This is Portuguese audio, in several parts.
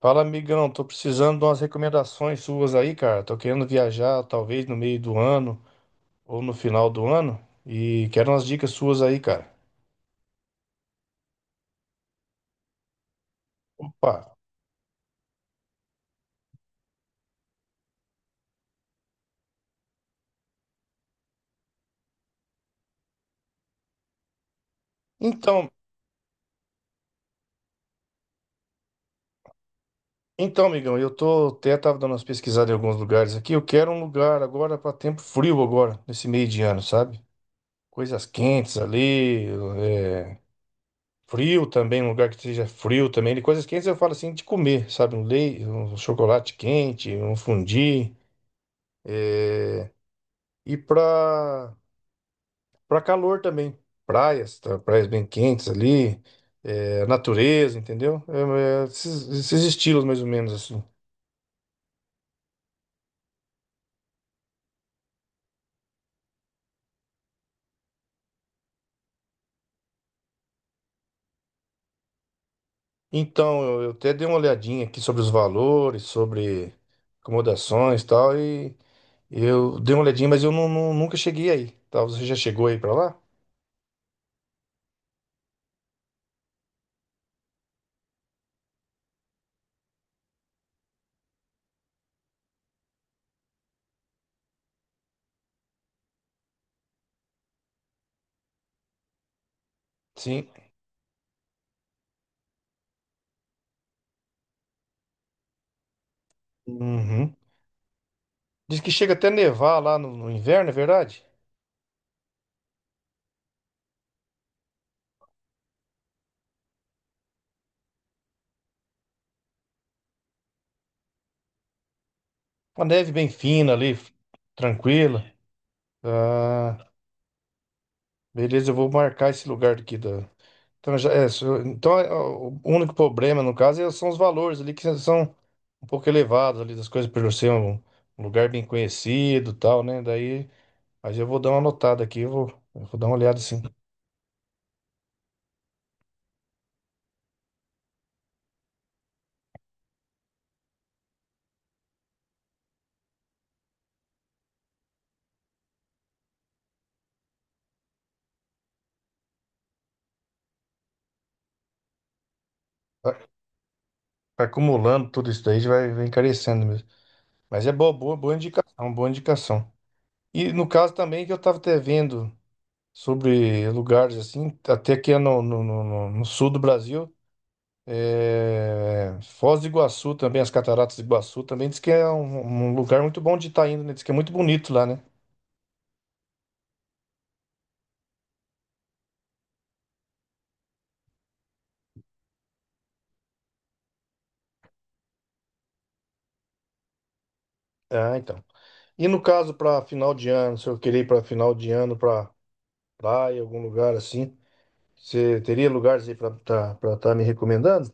Fala, amigão, tô precisando de umas recomendações suas aí, cara. Tô querendo viajar, talvez no meio do ano ou no final do ano, e quero umas dicas suas aí, cara. Opa. Então, então, amigão, eu tô até tava dando umas pesquisadas em alguns lugares aqui. Eu quero um lugar agora para tempo frio agora, nesse meio de ano, sabe? Coisas quentes ali, é, frio também, um lugar que seja frio também. De coisas quentes eu falo assim de comer, sabe? Um leite, um chocolate quente, um fondue. E para Para calor também, praias, tá? Praias bem quentes ali, é, natureza, entendeu? Esses estilos mais ou menos assim. Então, eu até dei uma olhadinha aqui sobre os valores, sobre acomodações e tal, e eu dei uma olhadinha, mas eu nunca cheguei aí, tá? Você já chegou aí para lá? Sim. Uhum. Diz que chega até nevar lá no inverno, é verdade? Uma neve bem fina ali, tranquila. Ah, beleza, eu vou marcar esse lugar aqui da. Então, já, então é, ó, o único problema, no caso, são os valores ali que são um pouco elevados ali das coisas, por ser um lugar bem conhecido e tal, né? Daí, mas eu vou dar uma notada aqui, eu vou dar uma olhada assim. Vai acumulando tudo isso daí, vai encarecendo mesmo. Mas é boa indicação, boa indicação. E no caso também que eu estava até vendo sobre lugares assim, até que é no sul do Brasil. É, Foz do Iguaçu também, as Cataratas do Iguaçu também diz que é um lugar muito bom de estar indo, né? Diz que é muito bonito lá, né? Ah, então. E no caso para final de ano, se eu querer ir para final de ano para praia, algum lugar assim, você teria lugares aí para estar me recomendando?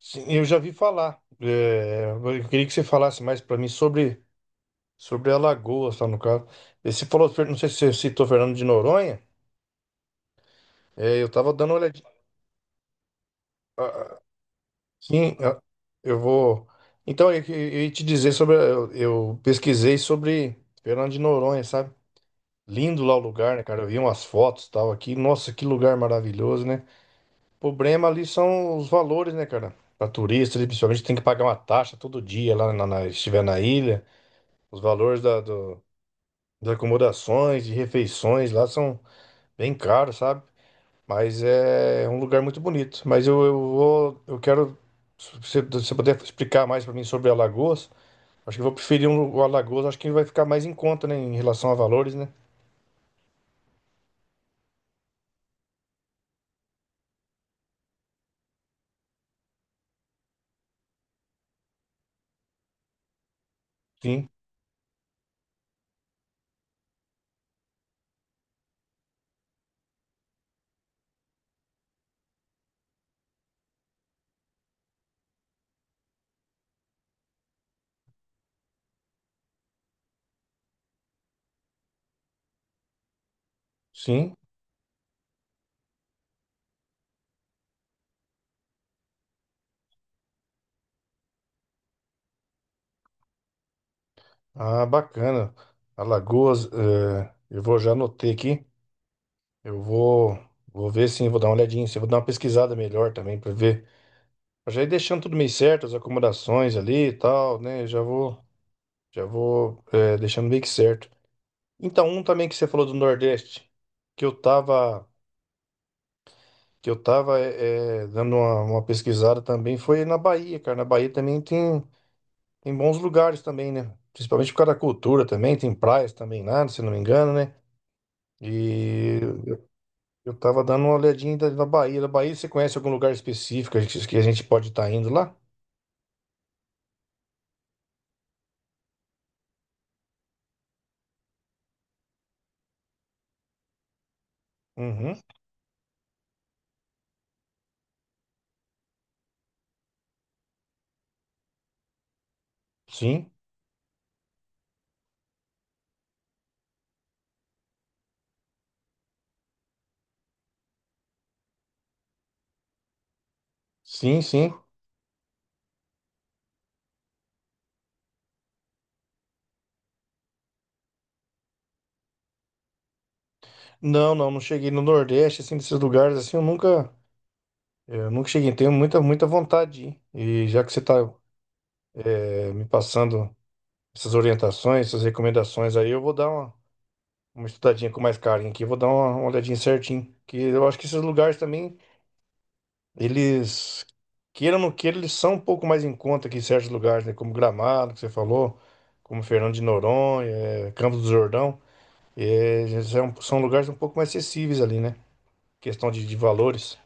Sim, eu já vi falar. É, eu queria que você falasse mais para mim sobre Alagoas, tá, no caso. E você falou, não sei se você citou Fernando de Noronha. É, eu tava dando uma olhadinha. Sim, eu vou. Então, eu ia te dizer sobre. Eu pesquisei sobre Fernando de Noronha, sabe? Lindo lá o lugar, né, cara? Eu vi umas fotos e tal aqui. Nossa, que lugar maravilhoso, né? O problema ali são os valores, né, cara? Para turista, ali, principalmente, tem que pagar uma taxa todo dia lá se estiver na ilha. Os valores das acomodações e refeições lá são bem caros, sabe? Mas é um lugar muito bonito. Mas eu vou, eu quero, se você se puder explicar mais para mim sobre Alagoas, acho que eu vou preferir um, o Alagoas, acho que vai ficar mais em conta, né, em relação a valores, né? Sim, sim. Ah, bacana. Alagoas, é, eu vou já anotei aqui. Eu vou, vou ver sim, vou dar uma olhadinha, sim, vou dar uma pesquisada melhor também para ver. Eu já ir deixando tudo meio certo, as acomodações ali e tal, né? Já vou, é, deixando meio que certo. Então, um também que você falou do Nordeste, que eu tava, que eu tava dando uma pesquisada também, foi na Bahia, cara. Na Bahia também tem, tem bons lugares também, né? Principalmente por causa da cultura também, tem praias também lá, se não me engano, né? E eu tava dando uma olhadinha na Bahia. Da Bahia, você conhece algum lugar específico que a gente pode estar indo lá? Uhum, sim, sim. Não, não cheguei no Nordeste, assim, desses lugares, assim, eu nunca... Eu nunca cheguei, tenho muita vontade de ir. E já que você tá, me passando essas orientações, essas recomendações aí, eu vou dar uma estudadinha com mais carinho aqui, vou dar uma olhadinha certinho, que eu acho que esses lugares também, eles, queiram ou não queiram, eles são um pouco mais em conta que certos lugares, né, como Gramado, que você falou, como Fernando de Noronha, Campos do Jordão, são lugares um pouco mais acessíveis ali, né, questão de valores.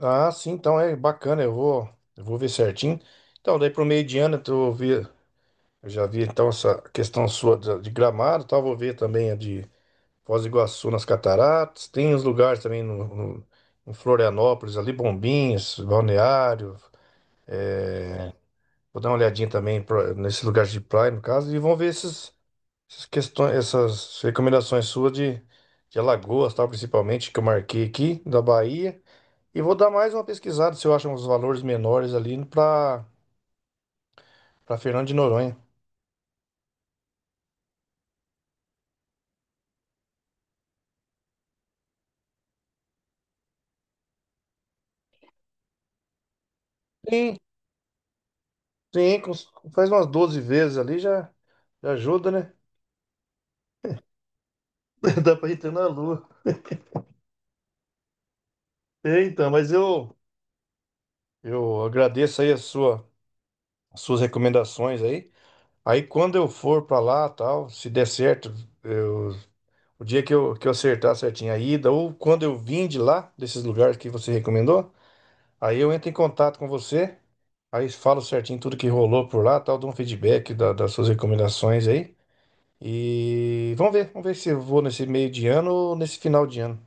Ah, sim, então é bacana, eu vou ver certinho. Então, daí pro meio de ano, eu já vi então essa questão sua de Gramado, tal, vou ver também a de Foz do Iguaçu nas Cataratas. Tem os lugares também em Florianópolis, ali Bombinhas, Balneário. Vou dar uma olhadinha também nesse lugar de praia, no caso, e vão ver essas questões, essas recomendações suas de Alagoas, tal, principalmente, que eu marquei aqui, da Bahia. E vou dar mais uma pesquisada se eu acho uns valores menores ali para Fernando de Noronha. Sim, Sim, faz umas 12 vezes ali já, já ajuda, né? Dá pra entrar na lua. É, então, mas eu agradeço aí a sua, as suas recomendações aí. Aí quando eu for pra lá, tal, se der certo, eu- o dia que que eu acertar certinho a ida, ou quando eu vim de lá, desses lugares que você recomendou, aí eu entro em contato com você, aí falo certinho tudo que rolou por lá, tal, dou um feedback das suas recomendações aí. E vamos ver se eu vou nesse meio de ano ou nesse final de ano.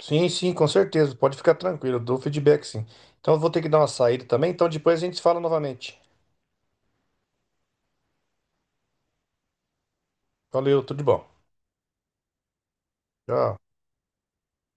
Sim, sim, com certeza. Pode ficar tranquilo, eu dou feedback sim. Então eu vou ter que dar uma saída também, então depois a gente se fala novamente. Valeu, tudo de bom. Tchau.